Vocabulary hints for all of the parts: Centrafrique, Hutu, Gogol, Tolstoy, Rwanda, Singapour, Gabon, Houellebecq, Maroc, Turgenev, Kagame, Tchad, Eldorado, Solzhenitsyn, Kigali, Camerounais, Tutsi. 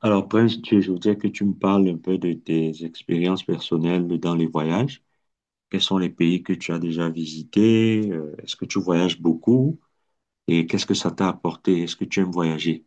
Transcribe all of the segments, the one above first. Alors, Prince, je voudrais que tu me parles un peu de tes expériences personnelles dans les voyages. Quels sont les pays que tu as déjà visités? Est-ce que tu voyages beaucoup? Et qu'est-ce que ça t'a apporté? Est-ce que tu aimes voyager?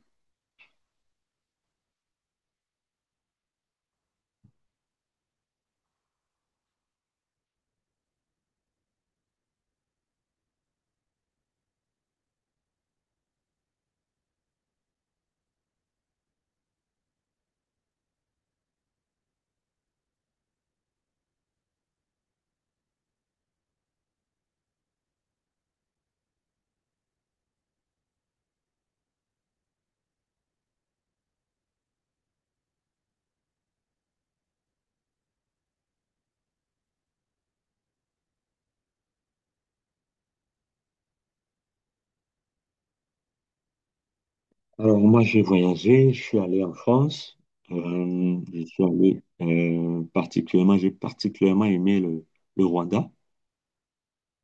Alors, moi, j'ai voyagé. Je suis allé en France. Je suis allé particulièrement, j'ai particulièrement aimé le Rwanda.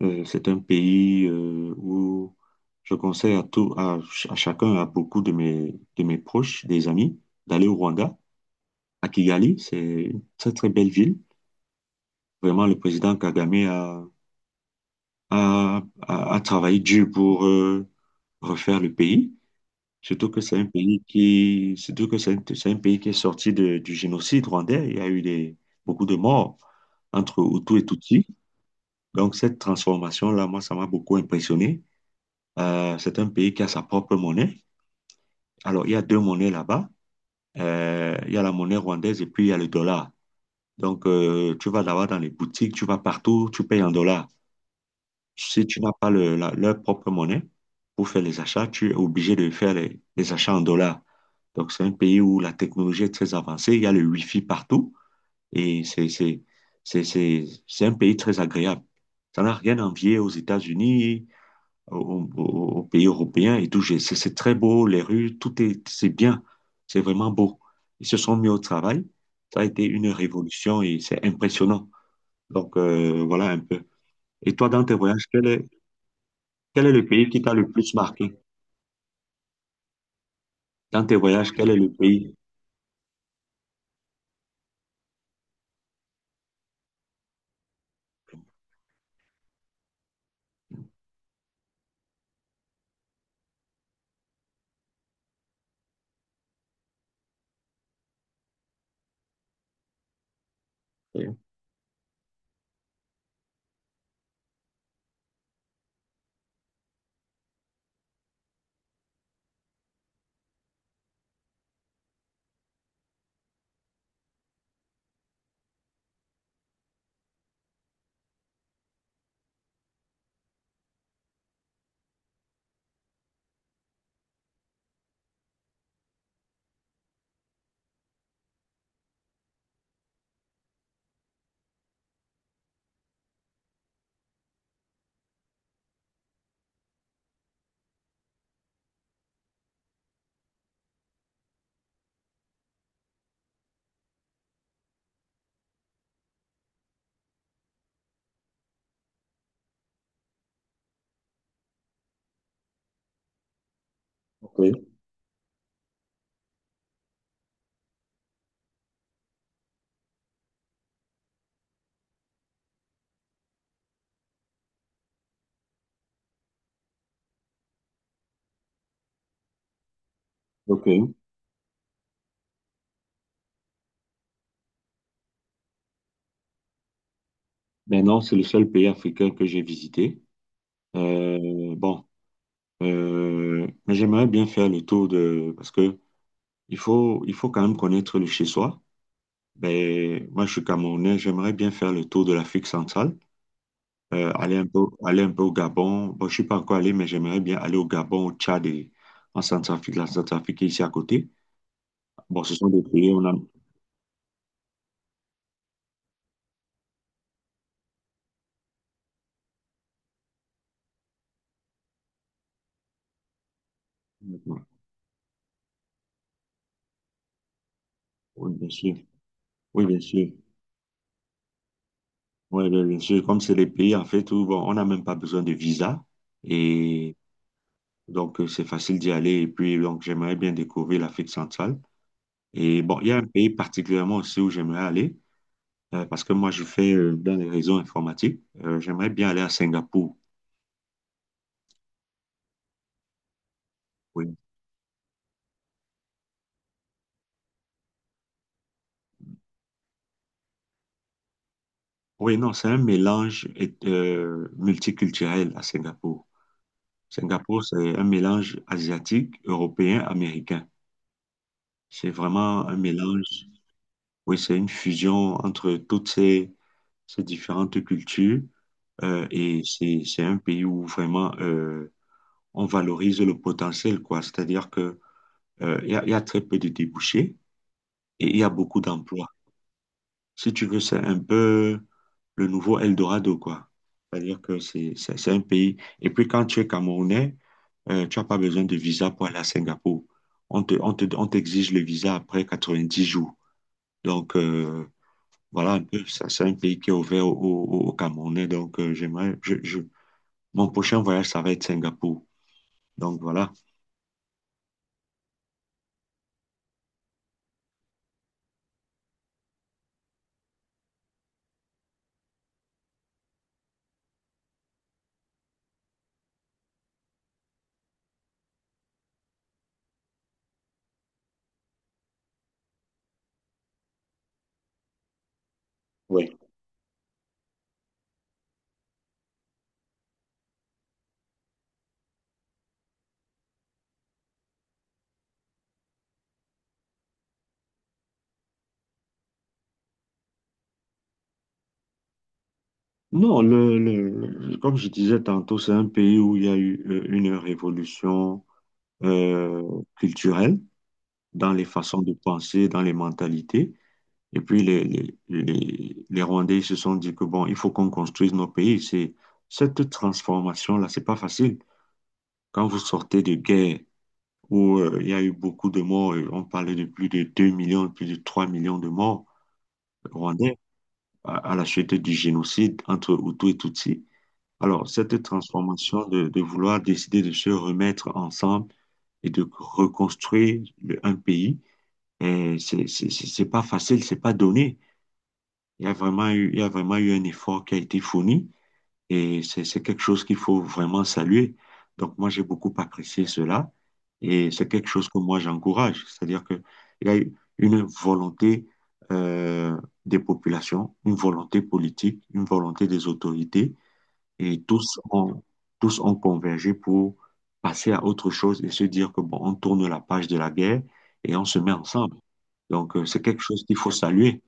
C'est un pays où je conseille à à chacun, à beaucoup de de mes proches, des amis, d'aller au Rwanda. À Kigali. C'est une très, très belle ville. Vraiment, le président Kagame a, a travaillé dur pour refaire le pays. Surtout que c'est c'est un pays qui est sorti du génocide rwandais. Il y a eu beaucoup de morts entre Hutu et Tutsi. Donc, cette transformation-là, moi, ça m'a beaucoup impressionné. C'est un pays qui a sa propre monnaie. Alors, il y a deux monnaies là-bas. Il y a la monnaie rwandaise et puis il y a le dollar. Donc, tu vas l'avoir dans les boutiques, tu vas partout, tu payes en dollars. Si tu n'as pas leur propre monnaie pour faire les achats, tu es obligé de faire les achats en dollars. Donc, c'est un pays où la technologie est très avancée, il y a le Wi-Fi partout et c'est un pays très agréable. Ça n'a rien à envier aux États-Unis, aux, aux- aux pays européens et tout. C'est très beau, les rues, c'est bien, c'est vraiment beau. Ils se sont mis au travail. Ça a été une révolution et c'est impressionnant. Donc, voilà un peu. Et toi, dans tes voyages, quel est le pays qui t'a le plus marqué? Dans tes voyages, quel est le pays? Ok, ok. Maintenant, c'est le seul pays africain que j'ai visité. Bon, mais j'aimerais bien faire le tour de... Parce que il faut quand même connaître le chez-soi. Ben, moi, je suis Camerounais, j'aimerais bien faire le tour de l'Afrique centrale, euh, aller un peu, aller un peu au Gabon. Bon, je suis pas encore allé, mais j'aimerais bien aller au Gabon, au Tchad et en Centrafrique, la Centrafrique est ici à côté. Bon, ce sont des pays où on a... Oui, bien sûr. Oui, bien sûr. Oui, bien sûr. Comme c'est des pays, en fait, où bon, on n'a même pas besoin de visa. Et donc, c'est facile d'y aller. Et puis, donc, j'aimerais bien découvrir l'Afrique centrale. Et bon, il y a un pays particulièrement aussi où j'aimerais aller, parce que moi, je fais dans les réseaux informatiques. J'aimerais bien aller à Singapour. Oui. Oui, non, c'est un multiculturel à Singapour. Singapour, c'est un mélange asiatique, européen, américain. C'est vraiment un mélange. Oui, c'est une fusion entre toutes ces différentes cultures. Euh, et c'est un pays où vraiment on valorise le potentiel, quoi. C'est-à-dire que il y a très peu de débouchés et il y a beaucoup d'emplois. Si tu veux, c'est un peu le nouveau Eldorado, quoi. C'est-à-dire que c'est un pays. Et puis quand tu es Camerounais, tu n'as pas besoin de visa pour aller à Singapour. On t'exige le visa après 90 jours. Donc, voilà un peu, ça, c'est un pays qui est ouvert aux Camerounais. Donc, mon prochain voyage, ça va être Singapour. Donc, voilà. Ouais. Non, comme je disais tantôt, c'est un pays où il y a eu une révolution culturelle dans les façons de penser, dans les mentalités. Et puis, les Rwandais se sont dit que, bon, il faut qu'on construise nos pays. Cette transformation-là, c'est pas facile. Quand vous sortez de guerre, où il y a eu beaucoup de morts. On parlait de plus de 2 millions, plus de 3 millions de morts rwandais à la suite du génocide entre Hutus et Tutsis. Alors, cette transformation de vouloir décider de se remettre ensemble et de reconstruire un pays, c'est pas facile, c'est pas donné. Il y a vraiment eu un effort qui a été fourni. Et c'est quelque chose qu'il faut vraiment saluer. Donc moi, j'ai beaucoup apprécié cela. Et c'est quelque chose que moi, j'encourage. C'est-à-dire qu'il y a une volonté euh, des populations, une volonté politique, une volonté des autorités. Et tous ont convergé pour passer à autre chose et se dire que, bon, on tourne la page de la guerre et on se met ensemble. Donc c'est quelque chose qu'il faut saluer.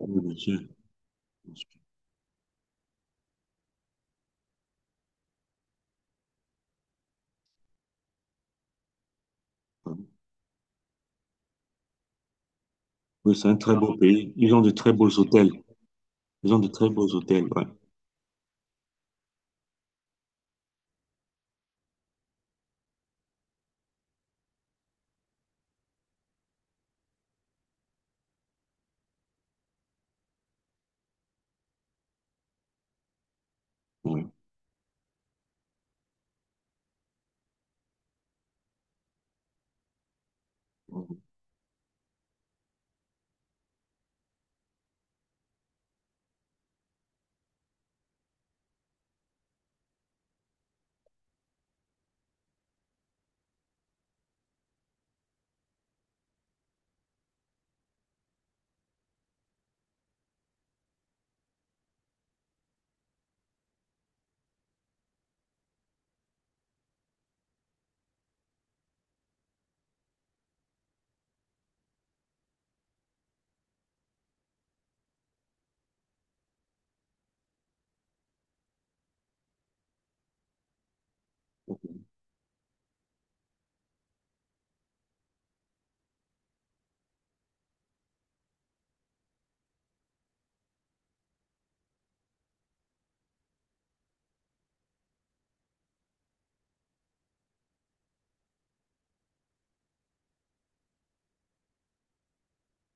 Oui, bien sûr. Oui, c'est un très beau pays. Ils ont de très beaux hôtels. Ils ont de très beaux hôtels, ouais. Ouais.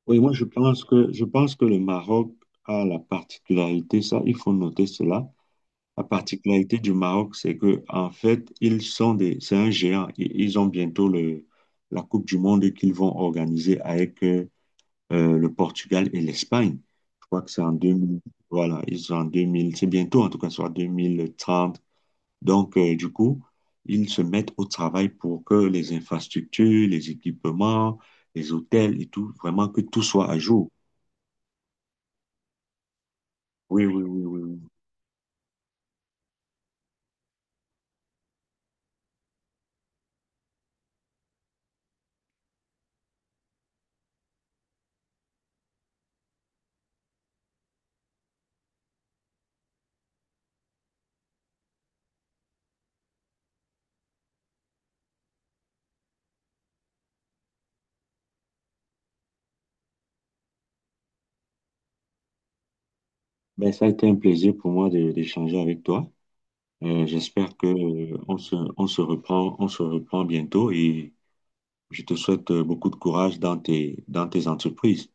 Oui, moi je pense que le Maroc a la particularité, ça, il faut noter cela. La particularité du Maroc, c'est que en fait, c'est un géant. Ils ont bientôt la Coupe du Monde qu'ils vont organiser avec le Portugal et l'Espagne. Je crois que c'est en 2000, voilà, ils sont en 2000. C'est bientôt en tout cas, soit 2030. Donc, du coup, ils se mettent au travail pour que les infrastructures, les équipements, les hôtels et tout, vraiment que tout soit à jour. Oui, oui, oui, oui. Oui. Ben, ça a été un plaisir pour moi d'échanger avec toi. J'espère que, on se reprend bientôt et je te souhaite beaucoup de courage dans dans tes entreprises.